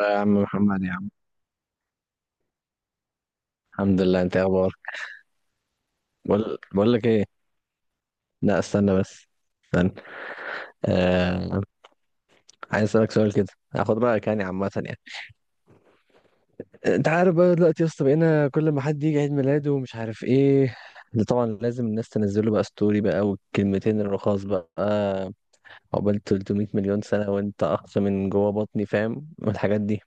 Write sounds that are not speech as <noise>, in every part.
آه يا عم محمد يا عم. الحمد لله، انت ايه اخبارك؟ بقول لك ايه. لا استنى بس، استنى. آه... عايز اسالك سؤال كده، هاخد رايك يعني عامه يعني. انت عارف بقى دلوقتي يا اسطى، بقينا كل ما حد يجي عيد ميلاده ومش عارف ايه، اللي طبعا لازم الناس تنزل له بقى ستوري بقى والكلمتين الرخاص بقى، عقبال 300 مليون سنه وانت اقصى من جوه بطني فاهم، والحاجات دي.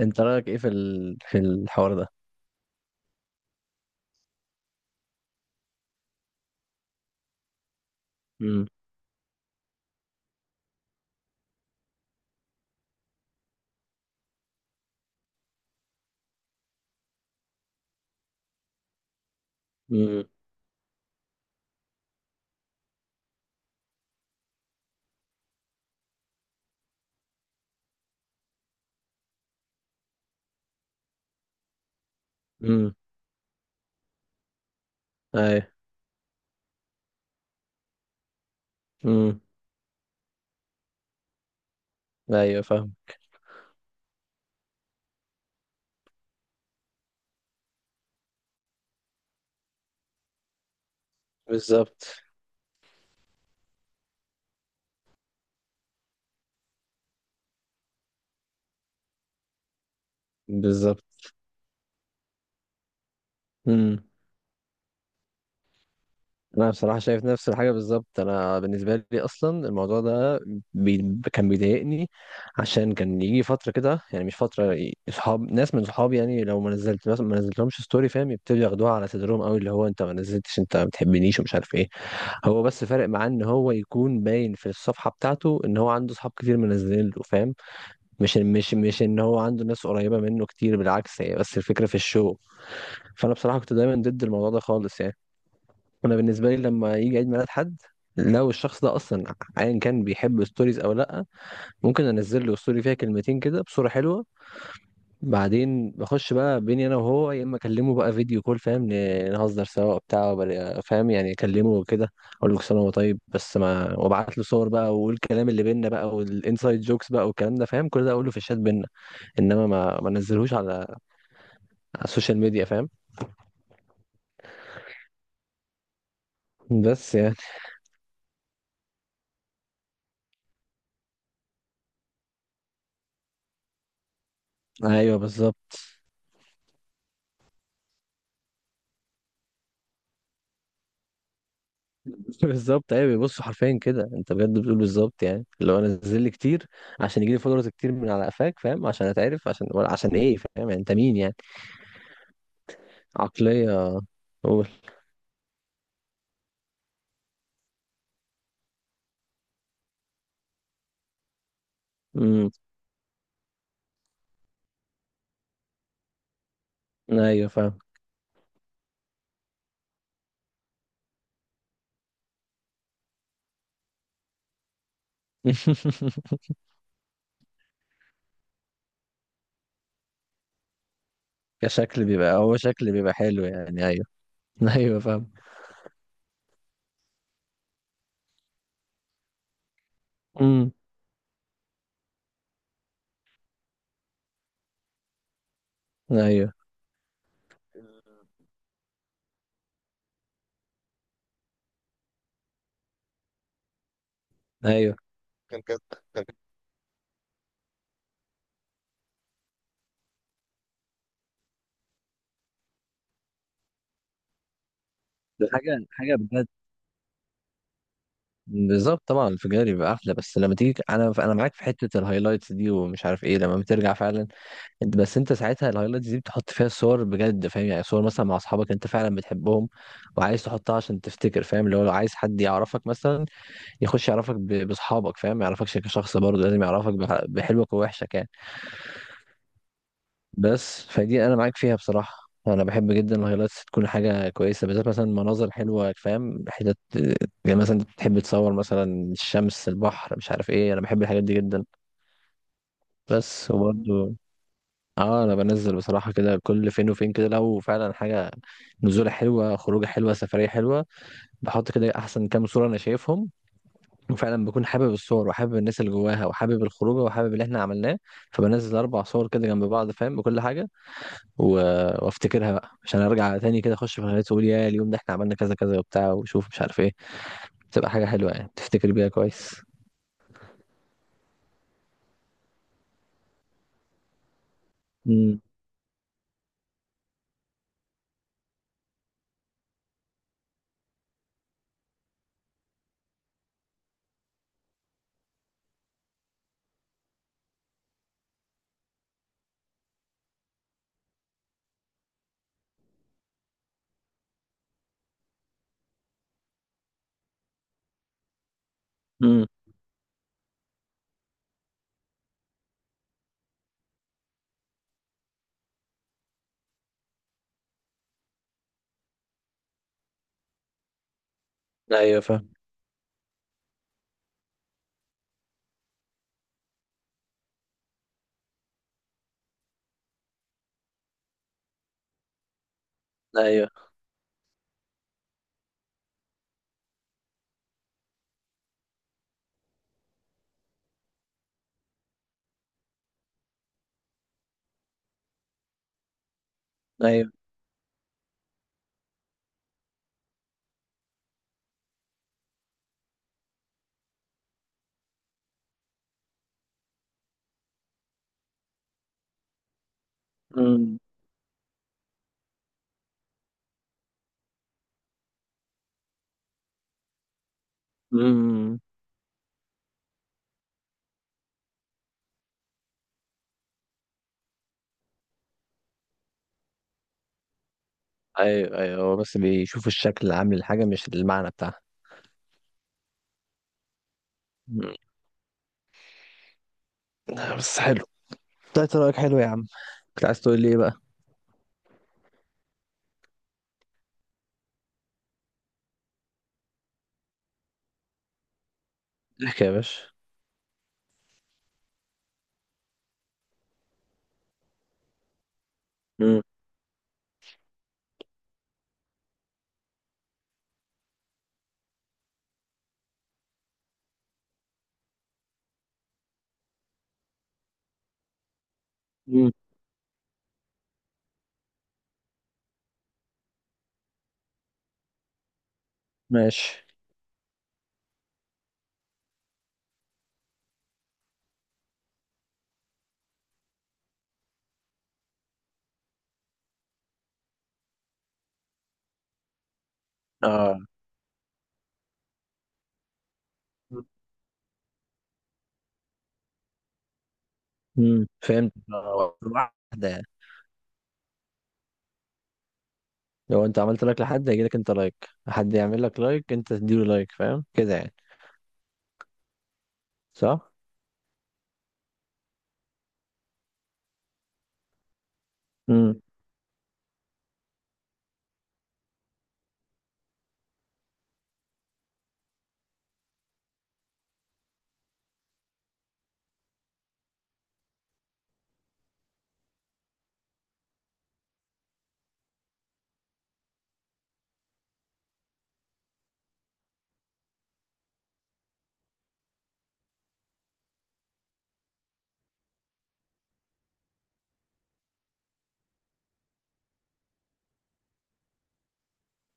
انت رايك ايه في الحوار ده؟ امم. امم. امم. ايوه. امم. ايوه، فاهم. بالظبط. بالظبط. امم انا بصراحه شايف نفس الحاجه بالظبط. انا بالنسبه لي اصلا الموضوع ده كان بيضايقني، عشان كان يجي فتره كده، يعني مش فتره اصحاب، ناس من صحابي يعني لو ما نزلت مثلا ما نزلتلهمش ستوري فاهم، يبتدوا ياخدوها على صدرهم قوي، اللي هو انت ما نزلتش، انت ما بتحبنيش ومش عارف ايه. هو بس فارق معاه ان هو يكون باين في الصفحه بتاعته ان هو عنده صحاب كتير منزلين له فاهم، مش ان هو عنده ناس قريبه منه كتير، بالعكس، هي بس الفكره في الشو. فانا بصراحه كنت دايما ضد الموضوع ده خالص يعني. انا بالنسبه لي لما يجي عيد ميلاد حد، لو الشخص ده اصلا ايا كان بيحب ستوريز او لا، ممكن انزل له ستوري فيها كلمتين كده بصوره حلوه. بعدين بخش بقى بيني انا وهو، يا اما اكلمه بقى فيديو كول فاهم، نهزر سوا بتاع، فاهم يعني، اكلمه وكده. اقول له كل سنه وهو طيب، بس ما وابعت له صور بقى واقول الكلام اللي بينا بقى والانسايد جوكس بقى والكلام ده فاهم، كل ده اقول له في الشات بينا. انما ما انزلهوش على على السوشيال ميديا فاهم. بس يعني. ايوه، بالظبط. <laughs> بالظبط، ايوه، بيبصوا حرفيا كده. انت بجد بتقول بالظبط. يعني لو انا نزل لي كتير عشان يجي لي فولورز كتير من على قفاك فاهم، عشان اتعرف، عشان ولا عشان ايه، فاهم يعني انت مين يعني. عقليه. قول. امم. ايوه، فاهم. <laughs> كشكل بيبقى، هو شكل بيبقى حلو يعني، ايوه. <laughs> ايوه، فاهم. امم. ايوه. ايوه. كان. ده حاجه حاجه بجد. بالظبط طبعا، الانفجار يبقى احلى. بس لما تيجي، انا معاك في حته الهايلايتس دي، ومش عارف ايه، لما بترجع فعلا. انت بس، انت ساعتها الهايلايتس دي بتحط فيها الصور بجد فاهم، يعني صور مثلا مع اصحابك انت فعلا بتحبهم وعايز تحطها عشان تفتكر فاهم، اللي هو لو عايز حد يعرفك مثلا يخش يعرفك باصحابك فاهم، ما يعرفكش كشخص، برضه لازم يعرفك بحلوك ووحشك يعني. بس فدي انا معاك فيها بصراحة. انا بحب جدا الهايلايتس تكون حاجة كويسة، بالذات مثلا مناظر حلوة فاهم، حتت يعني مثلا تحب تصور مثلا الشمس، البحر، مش عارف ايه، انا بحب الحاجات دي جدا. بس وبرضه اه، انا بنزل بصراحه كده كل فين وفين، كده لو فعلا حاجه نزوله حلوه، خروجه حلوه، سفريه حلوه، بحط كده احسن كام صوره انا شايفهم، وفعلا بكون حابب الصور وحابب الناس اللي جواها وحابب الخروجه وحابب اللي احنا عملناه. فبنزل اربع صور كده جنب بعض فاهم بكل حاجه، و... وافتكرها بقى عشان ارجع تاني كده، اخش في الهيئات واقول يا اليوم ده احنا عملنا كذا كذا وبتاع، وشوف مش عارف ايه. تبقى حاجه حلوه، يعني تفتكر بيها كويس. امم. امم. ايوه، فاهم. ايوه. ايوه. امم. امم. ايوه. ايوه، هو بس بيشوف الشكل العام للحاجة مش المعنى بتاعها. مم. بس حلو، طلعت رأيك حلو يا عم. كنت عايز تقول لي ايه بقى؟ احكي يا باشا. مم. مم. ماشي. اه. مم. فهمت، واحدة يعني. لو انت عملت لايك لحد هيجي لك انت لايك، حد يعمل لك لايك انت تديله لايك، فاهم كده يعني؟ صح؟ امم.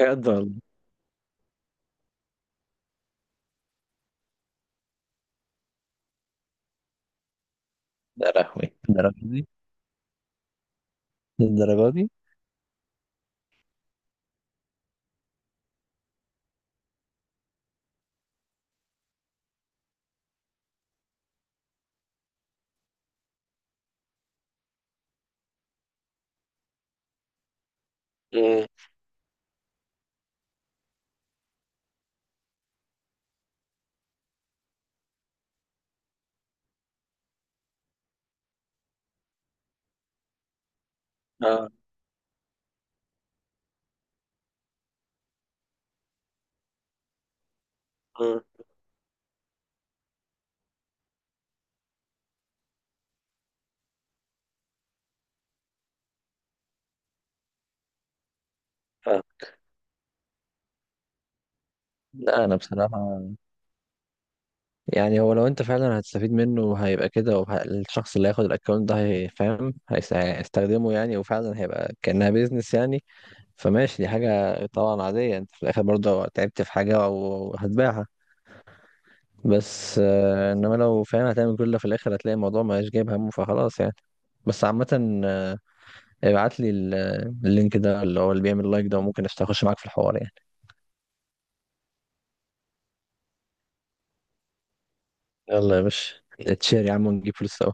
يقدر الله. يا لهوي الدرجة دي. الدرجة دي. امم. اه. امم. فاهم. لا، انا بصراحة، يعني هو لو انت فعلا هتستفيد منه هيبقى كده، الشخص اللي هياخد الاكونت ده هيفهم هيستخدمه يعني، وفعلا هيبقى كأنها بيزنس يعني. فماشي، دي حاجة طبعا عادية، انت في الاخر برضه تعبت في حاجة او هتبيعها. بس انما لو فعلا هتعمل كل ده في الاخر هتلاقي الموضوع مبقاش جايب همه، فخلاص يعني. بس عامة، ابعت لي اللينك ده اللي هو اللي بيعمل لايك ده، وممكن اخش معاك في الحوار يعني. يلا يا باشا، اتشير يا عم ونجيب فلوس سوا.